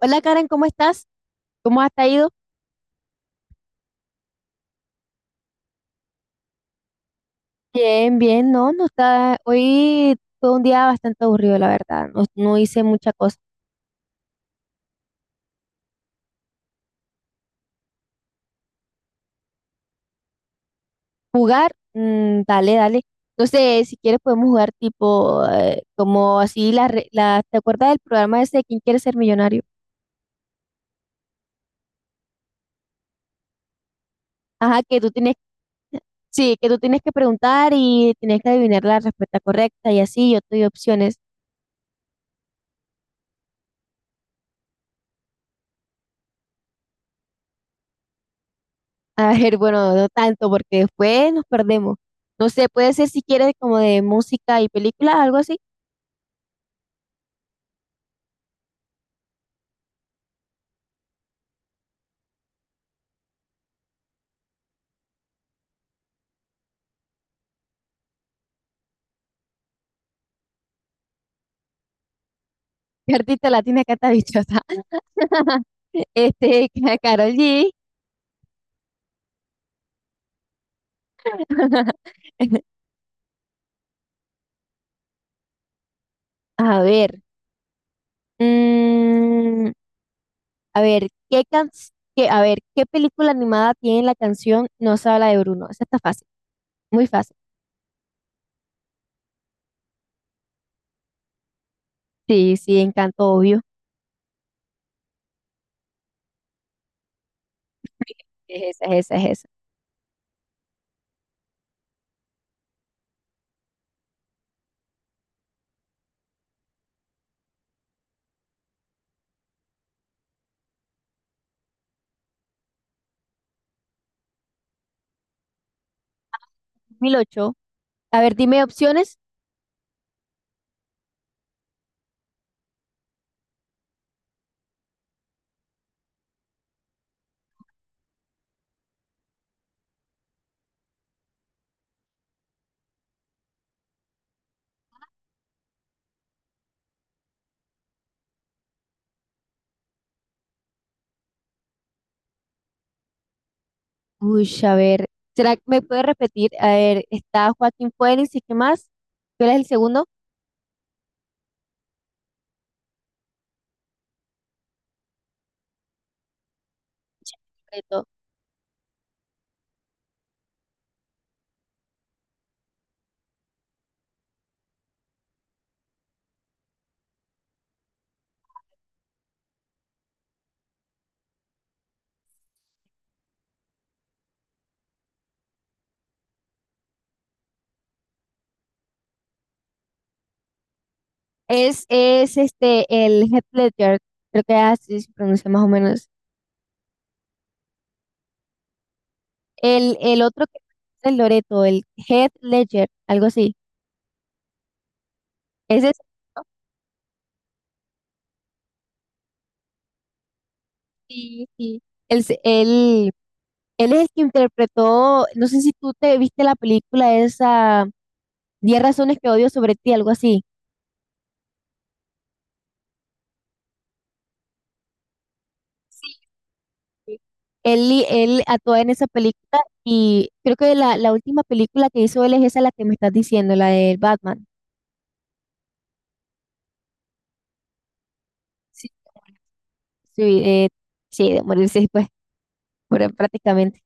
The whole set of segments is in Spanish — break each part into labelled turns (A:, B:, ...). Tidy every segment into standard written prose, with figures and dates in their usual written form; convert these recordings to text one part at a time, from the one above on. A: Hola Karen, ¿cómo estás? ¿Cómo has ido? Bien, bien, no, no está. Hoy fue un día bastante aburrido, la verdad. No, no hice mucha cosa. Jugar, mm, dale, dale. No sé, si quieres podemos jugar tipo, como así, ¿te acuerdas del programa ese de ¿Quién quiere ser millonario? Ajá, que tú tienes, sí, que tú tienes que preguntar y tienes que adivinar la respuesta correcta y así, yo te doy opciones. A ver, bueno, no tanto porque después nos perdemos. No sé, puede ser si quieres como de música y película, algo así. Cartita latina que está dichosa. Este, Carol G. A ver. mm, a ver, a ver, ¿qué película animada tiene la canción No se habla de Bruno? Esa está fácil, muy fácil. Sí, sí, Encanto, obvio. Es esa, es esa, es esa. 2008. A ver, dime opciones. Uy, a ver. ¿Será que me puede repetir? A ver, está Joaquín Phoenix, ¿y qué más? ¿Cuál es el segundo? Champito. Es este, el Heath Ledger, creo que así se pronuncia más o menos. El otro que es el Loreto, el Heath Ledger, algo así. Ese es, sí, sí. Él, se- él, él es el que interpretó, no sé si tú te viste la película esa, 10 razones que odio sobre ti, algo así. Sí. Él actúa en esa película y creo que la última película que hizo él es esa la que me estás diciendo, la de Batman. Sí, sí, sí, de morirse. Pero prácticamente.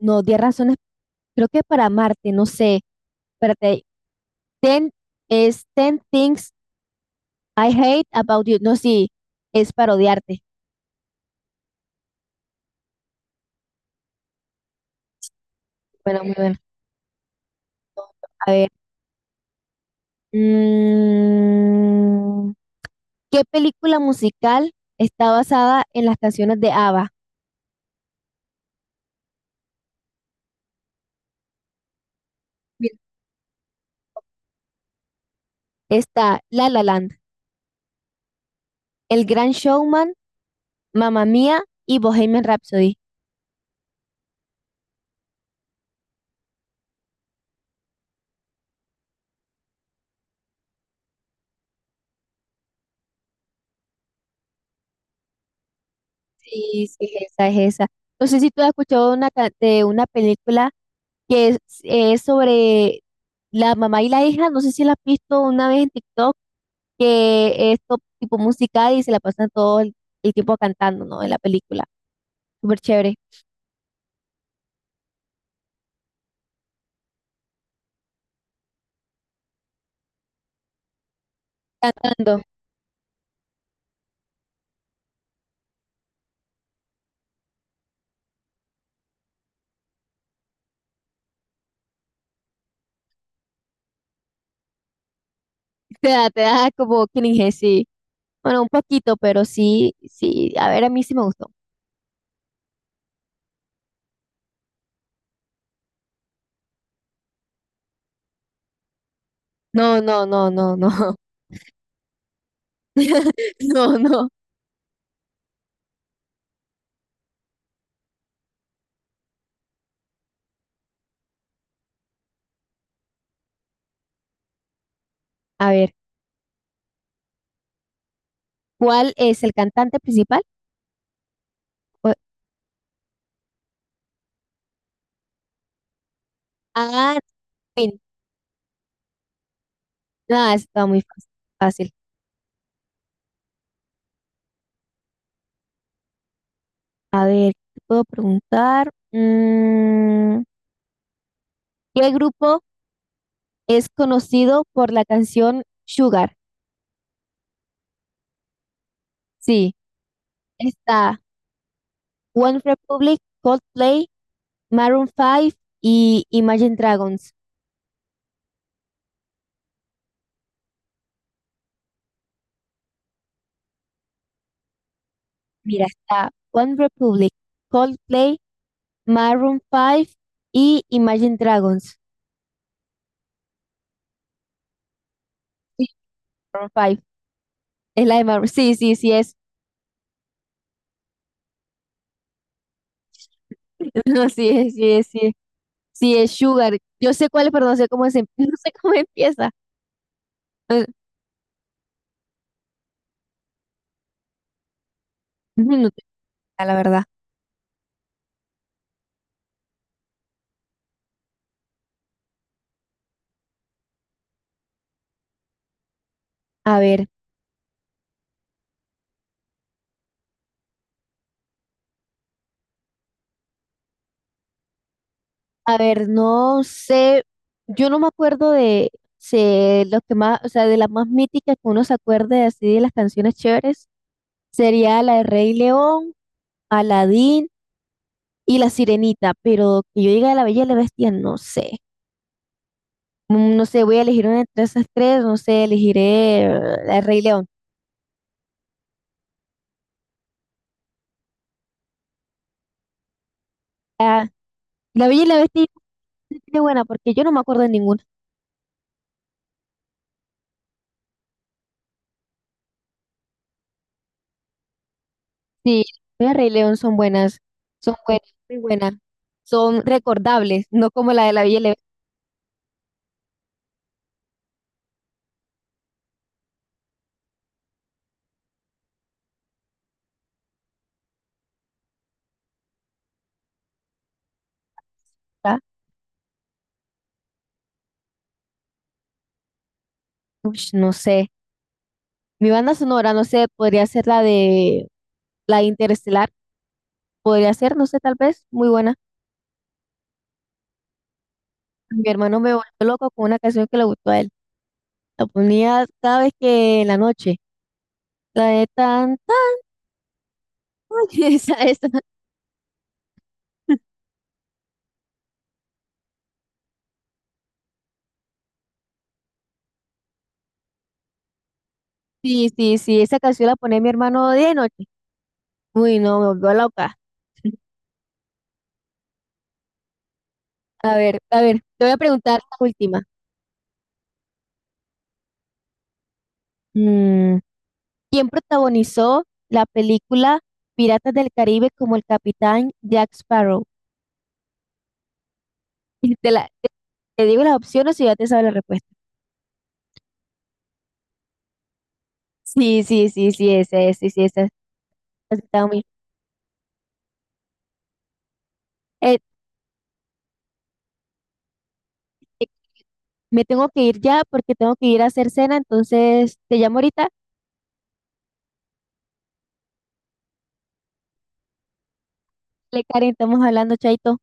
A: No, 10 razones, creo que para amarte, no sé. Espérate, 10 es ten things I hate about you. No, sí, es para odiarte. Bueno, muy bueno. A ver. mm, ¿Qué película musical está basada en las canciones de ABBA? Bien. Está La La Land, El Gran Showman, Mamma Mía y Bohemian Rhapsody. Sí, sí, esa es esa. No sé si tú has escuchado una de una película que es sobre la mamá y la hija, no sé si la has visto una vez en TikTok, que es tipo musical y se la pasan todo el tiempo cantando, ¿no? En la película. Súper chévere. Cantando. Te da como cringe, sí. Bueno, un poquito, pero sí, sí. A ver, a mí sí me gustó. No, no, no, no, no. No, no. A ver, ¿cuál es el cantante principal? O- ah, Queen. Ah, está muy fácil. Fácil. A ver, ¿qué puedo preguntar? Mm, ¿qué grupo es conocido por la canción Sugar? Sí, está One Republic, Coldplay, Maroon 5 y Imagine Dragons. Mira, está One Republic, Coldplay, Maroon 5 y Imagine Dragons. Sí, Maroon 5. Es la de Maroon. Sí, sí, sí es. No, sí es, sí es, sí es. Sí es Sugar. Yo sé cuál es, pero no sé cómo se, no sé cómo empieza. No, no tengo idea, la verdad. A ver. A ver, no sé, yo no me acuerdo de si los que más, o sea, de las más míticas que uno se acuerde así de las canciones chéveres, sería la de Rey León, Aladín y La Sirenita, pero que yo diga de La Bella y la Bestia, no sé. Mm, no sé, voy a elegir una entre esas tres, no sé, elegiré la de Rey León. Ah, La Bella y la Bestia es buena porque yo no me acuerdo de ninguna. Sí, la de Rey León son buenas, muy buenas, son recordables, no como la de La Bella y la Bestia. Ush, no sé. Mi banda sonora, no sé, podría ser la de Interestelar. Podría ser, no sé, tal vez, muy buena. Mi hermano me volvió loco con una canción que le gustó a él. La ponía cada vez que en la noche. La de tan, tan, esa, esa. Sí, sí, sí, esa canción la pone mi hermano de noche. Uy, no, me volvió loca. A ver, te voy a preguntar la última. Mm, ¿quién protagonizó la película Piratas del Caribe como el capitán Jack Sparrow? Te la, te digo las opciones y ya te sabes la respuesta. Sí, sí, sí, sí, ese, es, sí, sí, ese, es. Está muy- Eh, eh, me tengo que ir ya porque tengo que ir a hacer cena, entonces te llamo ahorita. Le Karen, estamos hablando, chaito.